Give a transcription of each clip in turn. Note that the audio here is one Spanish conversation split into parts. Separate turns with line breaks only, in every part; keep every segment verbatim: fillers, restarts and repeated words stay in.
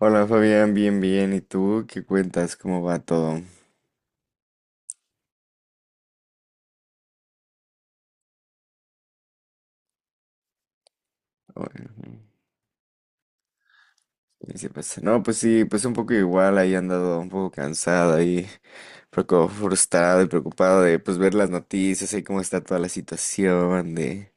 Hola Fabián, bien, bien. ¿Y tú qué cuentas? ¿Cómo va todo? Bueno, ¿qué se pasa? No, pues sí, pues un poco igual, ahí he andado un poco cansada y poco frustrado y preocupado de pues ver las noticias y cómo está toda la situación de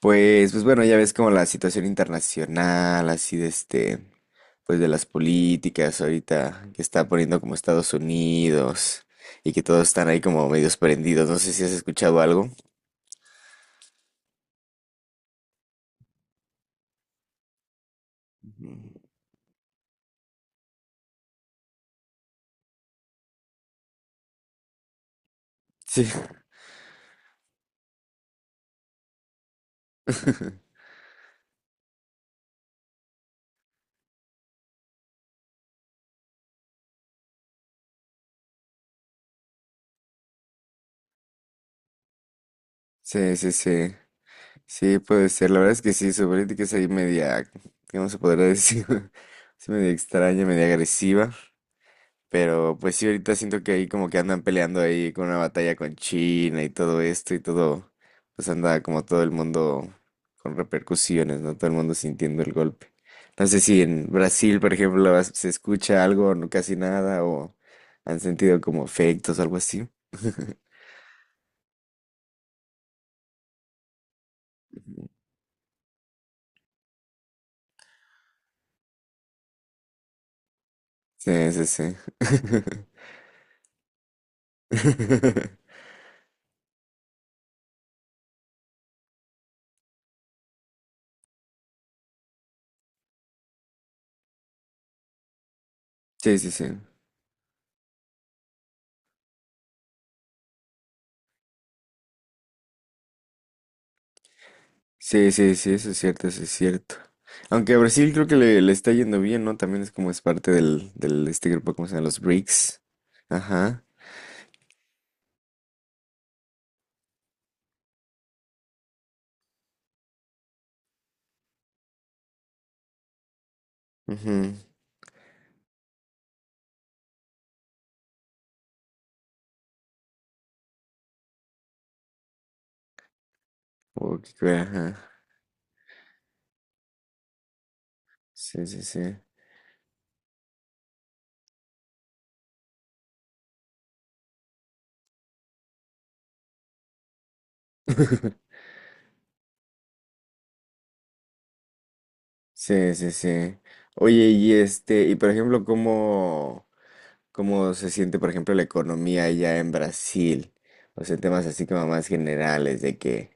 pues pues bueno, ya ves como la situación internacional, así de este pues de las políticas ahorita que está poniendo como Estados Unidos y que todos están ahí como medios prendidos. No sé si has escuchado algo. Ujú. Sí. Sí, sí, sí. Sí, puede ser. La verdad es que sí, su política es ahí media, ¿qué vamos a poder decir? Es media extraña, media agresiva. Pero pues sí, ahorita siento que ahí como que andan peleando ahí con una batalla con China y todo esto y todo. Pues anda como todo el mundo con repercusiones, ¿no? Todo el mundo sintiendo el golpe. No sé si en Brasil, por ejemplo, vas- se escucha algo, no casi nada, o han sentido como efectos o algo así. Sí, sí, sí. Sí, sí, sí. Sí, sí, sí, eso es cierto, eso es cierto. Aunque a Brasil creo que le, le está yendo bien, ¿no? También es como es parte del, del este grupo, ¿cómo se llama? Los BRICS. Ajá. Ujú. O que crea, ajá. Sí, sí, sí. Sí, sí, sí. Oye, y este, y por ejemplo, ¿cómo? ¿Cómo se siente, por ejemplo, la economía allá en Brasil? O sea, temas así como más generales de que,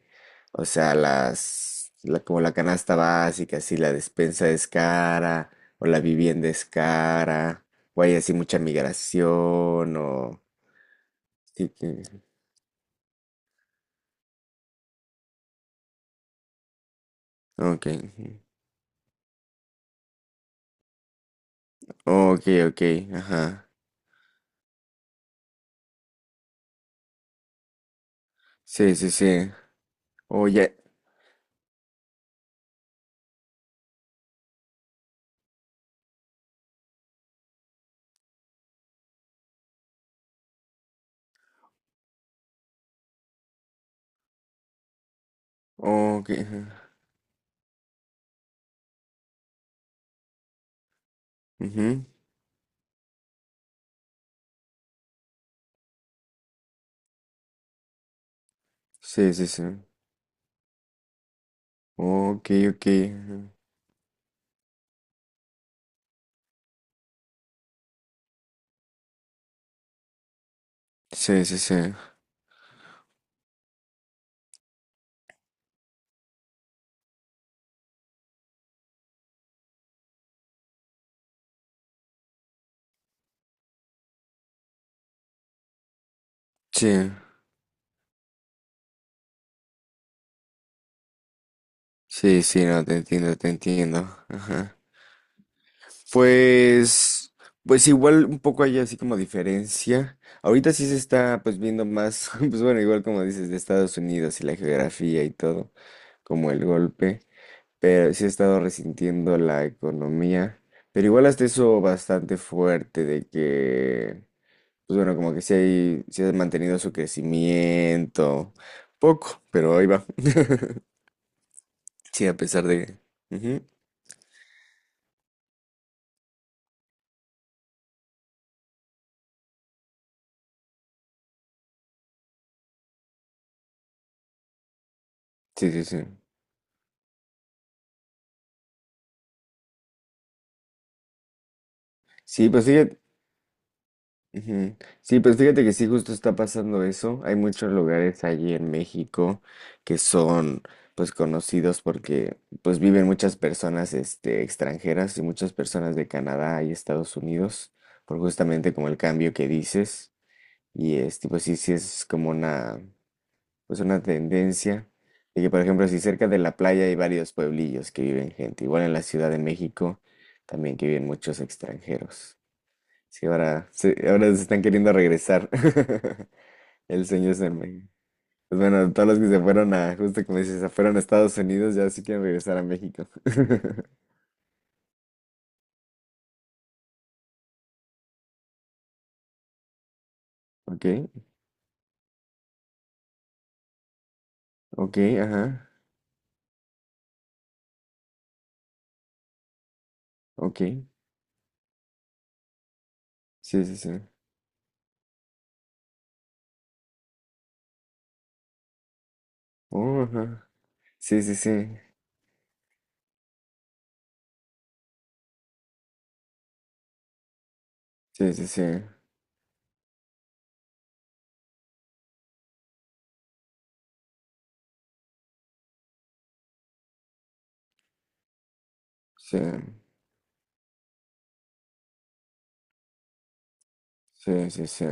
o sea, las, la, como la canasta básica, si la despensa es cara o la vivienda es cara, o hay así mucha migración o... Sí, que- ok, ujú. Ok, ok, ajá. Sí, sí, sí. Oye, ok, ajá. Ujú. Sí, sí, sí. Ok, ok, ajá. Sí, sí, sí. Sí. Sí, sí, no, te entiendo, te entiendo. Ajá. Pues, pues igual un poco hay así como diferencia. Ahorita sí se está pues viendo más, pues bueno, igual como dices, de Estados Unidos y la geografía y todo, como el golpe, pero sí ha estado resintiendo la economía, pero igual hasta eso bastante fuerte de que, pues bueno, como que sí hay, sí ha mantenido su crecimiento, poco, pero ahí va. Sí, a pesar de... Que... Ujú. Sí, sí, sí. Sí, pues fíjate, ujú. Sí, pues fíjate que sí, justo está pasando eso. Hay muchos lugares allí en México que son, pues, conocidos porque, pues, viven muchas personas, este, extranjeras y muchas personas de Canadá y Estados Unidos, por justamente como el cambio que dices. Y, este, pues, sí, sí es como una, pues, una tendencia. Y que, por ejemplo, si cerca de la playa hay varios pueblillos que viven gente, igual en la Ciudad de México también que viven muchos extranjeros. Sí, ahora, sí, ahora se están queriendo regresar. El sueño es en México. Pues bueno, todos los que se fueron a, justo como dices, se fueron a Estados Unidos, ya sí quieren regresar a México. Ok, ok, ajá, ok. Sí, sí, sí. Oh, ajá. Sí, sí, sí. Sí, sí, sí. Sí, sí, sí, sí.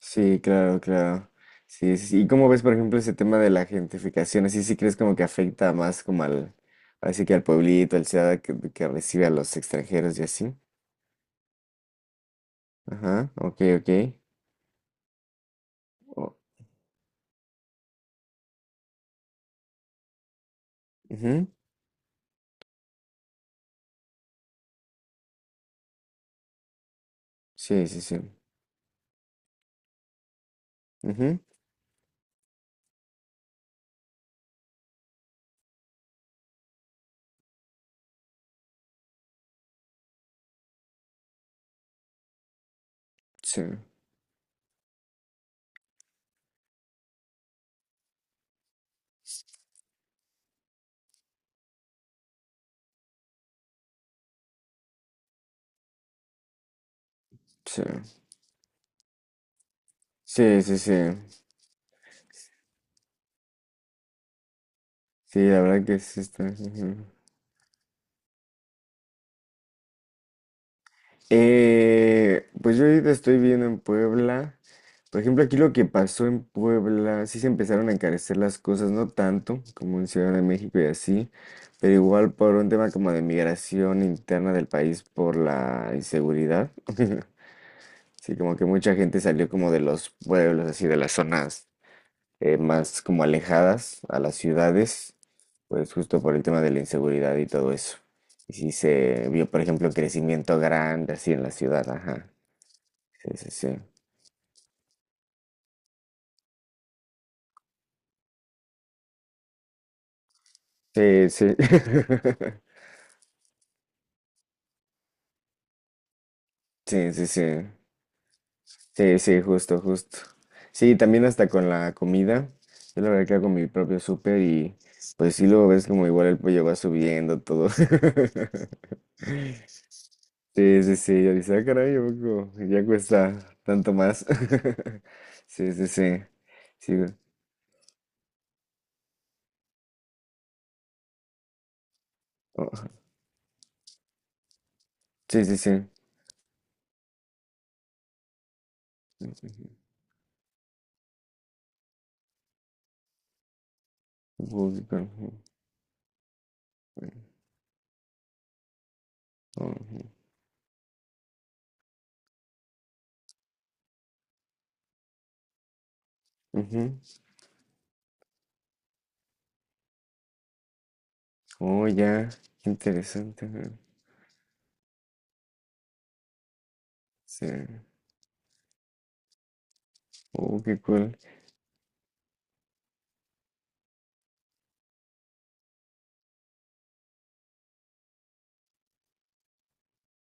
Sí, claro, claro. Sí, sí, sí. ¿Y cómo ves, por ejemplo, ese tema de la gentrificación? ¿Así sí crees como que afecta más como al, así que al pueblito, al ciudad que, que recibe a los extranjeros y así? Ajá, ok, ok. O- ujú. Sí, sí, sí. Ujú. Sí, sí. Sí, sí, sí. Sí, la verdad que sí está. Ujú. Eh, pues yo ahorita estoy viendo en Puebla. Por ejemplo, aquí lo que pasó en Puebla, sí se empezaron a encarecer las cosas, no tanto como en Ciudad de México y así, pero igual por un tema como de migración interna del país por la inseguridad. Sí, como que mucha gente salió como de los pueblos, así de las zonas, eh, más como alejadas a las ciudades, pues justo por el tema de la inseguridad y todo eso. Y sí se vio, por ejemplo, crecimiento grande así en la ciudad, ajá. Sí, sí, sí. Sí, sí. Sí, sí, sí. Sí, sí, justo, justo. Sí, también hasta con la comida. Yo la verdad que hago mi propio súper y pues sí, luego ves como igual el pollo va subiendo todo. Sí, sí, sí, yo dije, ah, caray, ¿a poco ya cuesta tanto más? Sí, sí, sí. Sí, güey. Oh, sí, sí, sí. Ujú, ujú, ujú, ujú. Oh, ya, qué interesante, ajá. Sí. Oh, qué cool.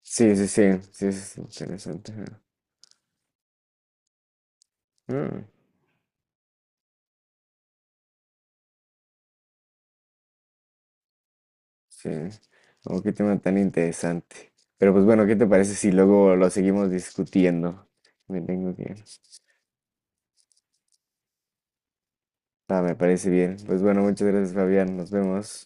Sí, sí, sí, sí, es interesante, ajá. Ah, sí. Oh, qué tema tan interesante. Pero pues bueno, ¿qué te parece si luego lo seguimos discutiendo? Me tengo que... Ah, me parece bien. Pues bueno, muchas gracias, Fabián. Nos vemos.